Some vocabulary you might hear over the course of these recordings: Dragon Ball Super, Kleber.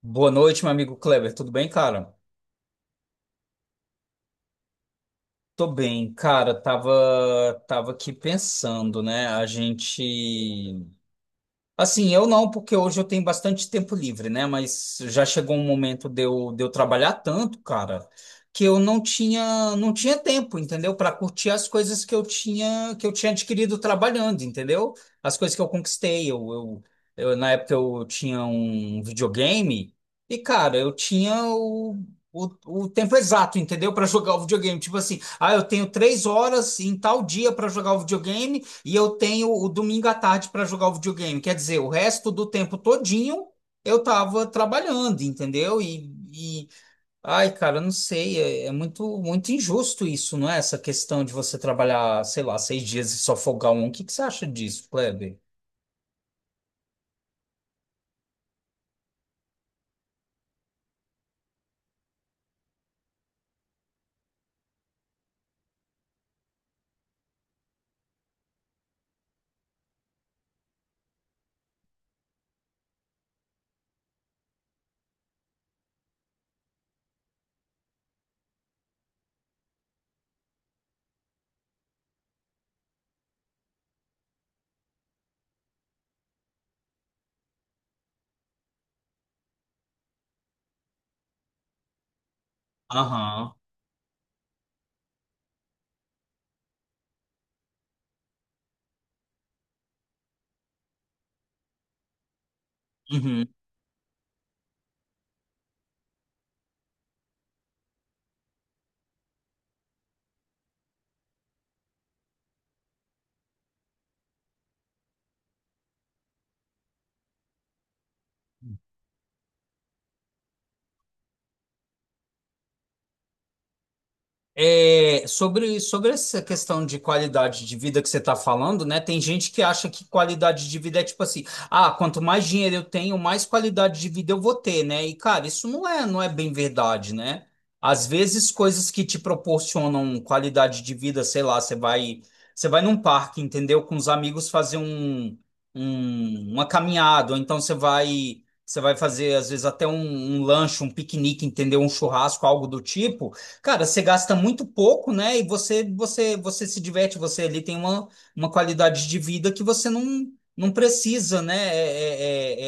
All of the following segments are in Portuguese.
Boa noite, meu amigo Kleber. Tudo bem, cara? Tô bem, cara. Tava aqui pensando, né? A gente Assim, eu não, porque hoje eu tenho bastante tempo livre, né? Mas já chegou um momento de eu trabalhar tanto, cara, que eu não tinha tempo, entendeu? Para curtir as coisas que eu tinha adquirido trabalhando, entendeu? As coisas que eu conquistei. Na época eu tinha um videogame cara, eu tinha o tempo exato, entendeu? Para jogar o videogame. Tipo assim, ah, eu tenho 3 horas em tal dia para jogar o videogame. E eu tenho o domingo à tarde para jogar o videogame. Quer dizer, o resto do tempo todinho eu tava trabalhando, entendeu? E ai, cara, eu não sei, é muito, muito injusto isso, não é? Essa questão de você trabalhar, sei lá, 6 dias e só folgar um. O que que você acha disso, Kleber? Aham. Uhum. É, sobre essa questão de qualidade de vida que você está falando, né? Tem gente que acha que qualidade de vida é tipo assim, ah, quanto mais dinheiro eu tenho, mais qualidade de vida eu vou ter, né? E, cara, isso não é bem verdade, né? Às vezes, coisas que te proporcionam qualidade de vida, sei lá, você vai num parque, entendeu? Com os amigos fazer uma caminhada, ou então você vai fazer, às vezes, até um lanche, um piquenique, entendeu? Um churrasco, algo do tipo. Cara, você gasta muito pouco, né? E você se diverte, você ali tem uma qualidade de vida que você não precisa, né? é-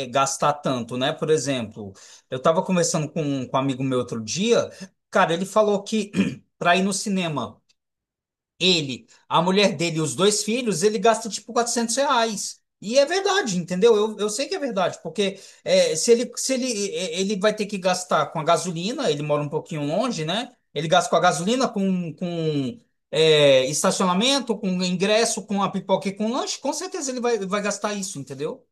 é- é- é gastar tanto, né? Por exemplo, eu estava conversando com um amigo meu outro dia, cara, ele falou que para ir no cinema ele, a mulher dele e os dois filhos, ele gasta tipo R$ 400. E é verdade, entendeu? Eu sei que é verdade, porque é, se ele, se ele, é, ele vai ter que gastar com a gasolina, ele mora um pouquinho longe, né? Ele gasta com a gasolina, estacionamento, com ingresso, com a pipoca e com lanche, com certeza ele vai, vai gastar isso, entendeu?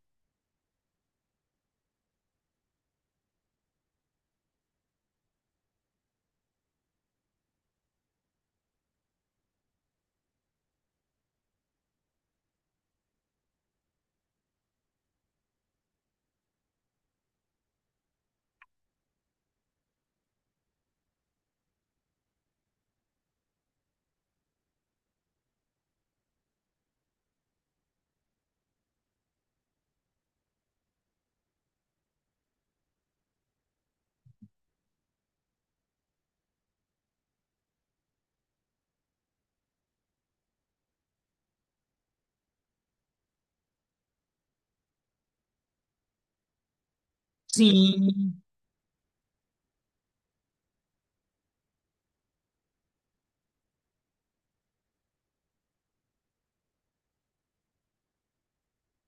Sim.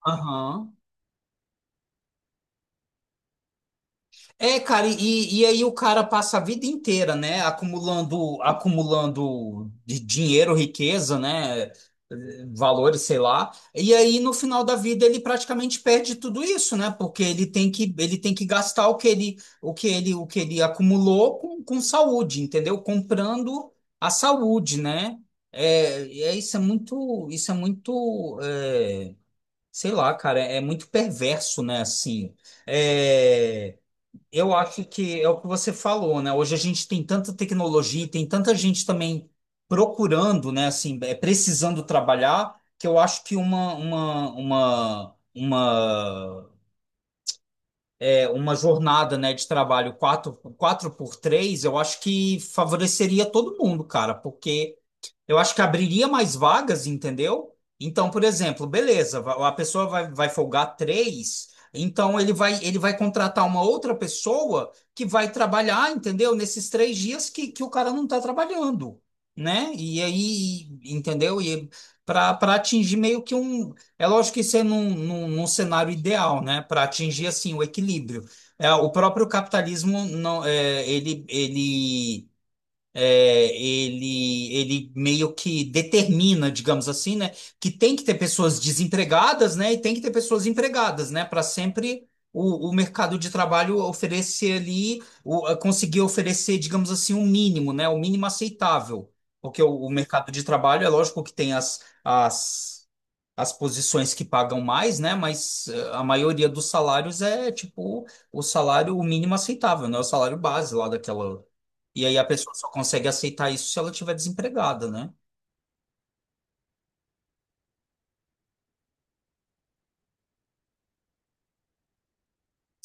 Aham. É, cara, e aí o cara passa a vida inteira, né, acumulando, acumulando de dinheiro, riqueza, né, valores, sei lá. E aí no final da vida ele praticamente perde tudo isso, né, porque ele tem que gastar o que ele, o que ele, o que ele acumulou com saúde, entendeu? Comprando a saúde, né? Isso é muito, é, sei lá, cara, é muito perverso, né, assim. É, eu acho que é o que você falou, né? Hoje a gente tem tanta tecnologia, e tem tanta gente também procurando, né? Assim, é, precisando trabalhar, que eu acho que é, uma jornada, né, de trabalho quatro por três eu acho que favoreceria todo mundo, cara, porque eu acho que abriria mais vagas, entendeu? Então, por exemplo, beleza, a pessoa vai, vai folgar três, então ele vai contratar uma outra pessoa que vai trabalhar, entendeu? Nesses 3 dias que o cara não está trabalhando, né? E aí, entendeu? E para atingir meio que um. É lógico que isso é num cenário ideal, né? Para atingir assim o equilíbrio. É, o próprio capitalismo não, é, ele meio que determina, digamos assim, né, que tem que ter pessoas desempregadas, né, e tem que ter pessoas empregadas, né, para sempre o mercado de trabalho oferecer ali, o, a conseguir oferecer, digamos assim, um mínimo, né, o mínimo aceitável, porque o mercado de trabalho é lógico que tem as posições que pagam mais, né? Mas eh, a maioria dos salários é tipo o salário mínimo aceitável, né? O salário base lá daquela. E aí a pessoa só consegue aceitar isso se ela estiver desempregada, né?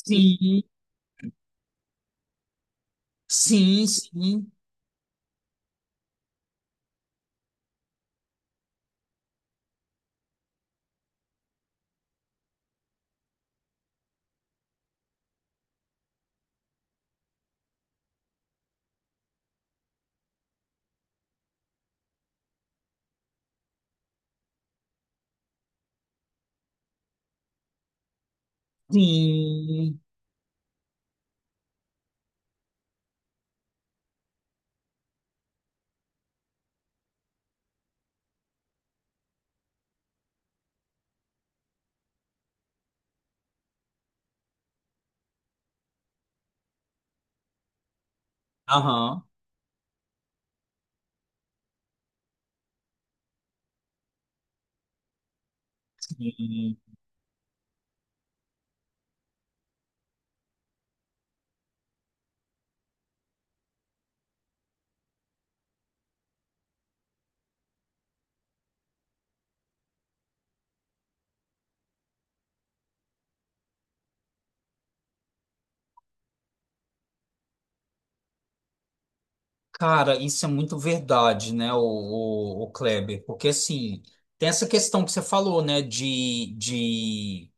Sim, Sim, sim, sim. Aham. Sim. Cara, isso é muito verdade, né, o Kleber? Porque assim, tem essa questão que você falou, né, de, de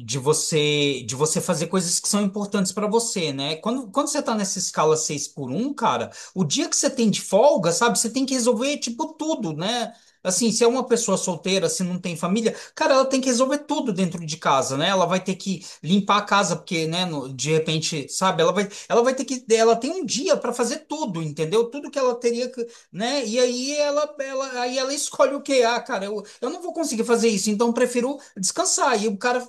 de você de você fazer coisas que são importantes para você, né? Quando você tá nessa escala 6 por um cara, o dia que você tem de folga, sabe, você tem que resolver tipo tudo, né? Assim, se é uma pessoa solteira, se não tem família, cara, ela tem que resolver tudo dentro de casa, né? Ela vai ter que limpar a casa, porque, né, de repente, sabe, ela vai ter que, ela tem um dia para fazer tudo, entendeu? Tudo que ela teria que, né? E aí aí ela escolhe o que, ah, cara, eu não vou conseguir fazer isso, então eu prefiro descansar. E o cara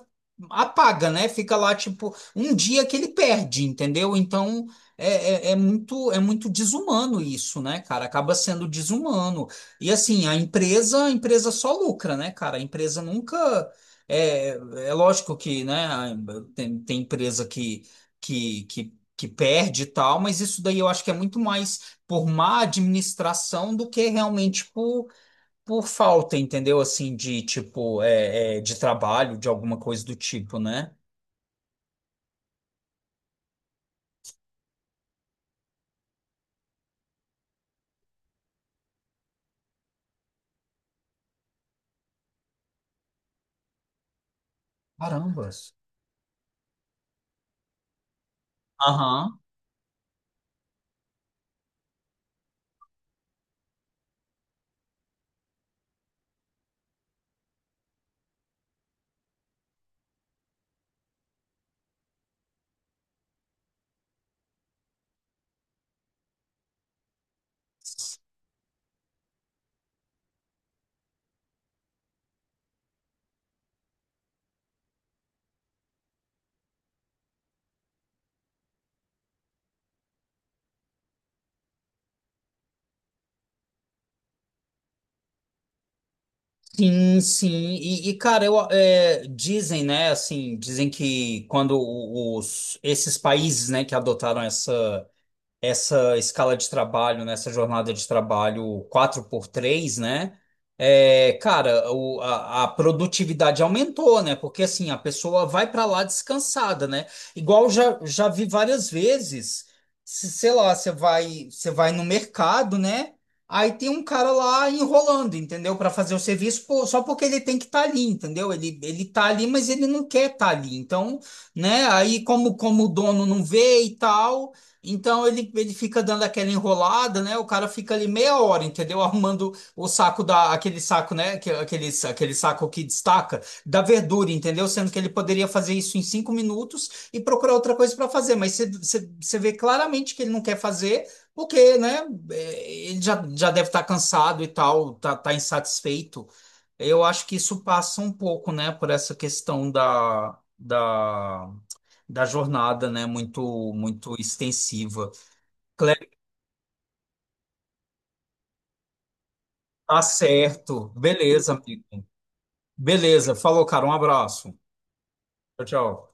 apaga, né? Fica lá, tipo, um dia que ele perde, entendeu? Então é muito desumano isso, né, cara? Acaba sendo desumano. E assim, a empresa só lucra, né, cara? A empresa nunca. É, é lógico que, né, tem empresa que perde e tal, mas isso daí eu acho que é muito mais por má administração do que realmente por falta, entendeu? Assim, de tipo, é, de trabalho, de alguma coisa do tipo, né? Carambas. Aham. Sim, sim. Cara, eu, é, dizem, né, assim, dizem que quando os, esses países, né, que adotaram essa escala de trabalho, nessa jornada de trabalho quatro por três, né? É, cara, a produtividade aumentou, né? Porque assim, a pessoa vai para lá descansada, né? Igual já vi várias vezes, sei lá, você vai no mercado, né? Aí tem um cara lá enrolando, entendeu? Para fazer o serviço, pô, só porque ele tem que estar ali, entendeu? Ele tá ali, mas ele não quer estar ali. Então, né? Aí como o dono não vê e tal, então ele fica dando aquela enrolada, né? O cara fica ali meia hora, entendeu? Arrumando o saco da aquele saco, né? Aquele saco que destaca da verdura, entendeu? Sendo que ele poderia fazer isso em 5 minutos e procurar outra coisa para fazer. Mas você vê claramente que ele não quer fazer, porque, né? Ele já deve estar cansado e tal, tá insatisfeito. Eu acho que isso passa um pouco, né? Por essa questão da jornada, né? Muito, muito extensiva. Cleber, tá certo. Beleza, amigo. Beleza. Falou, cara. Um abraço. Tchau, tchau.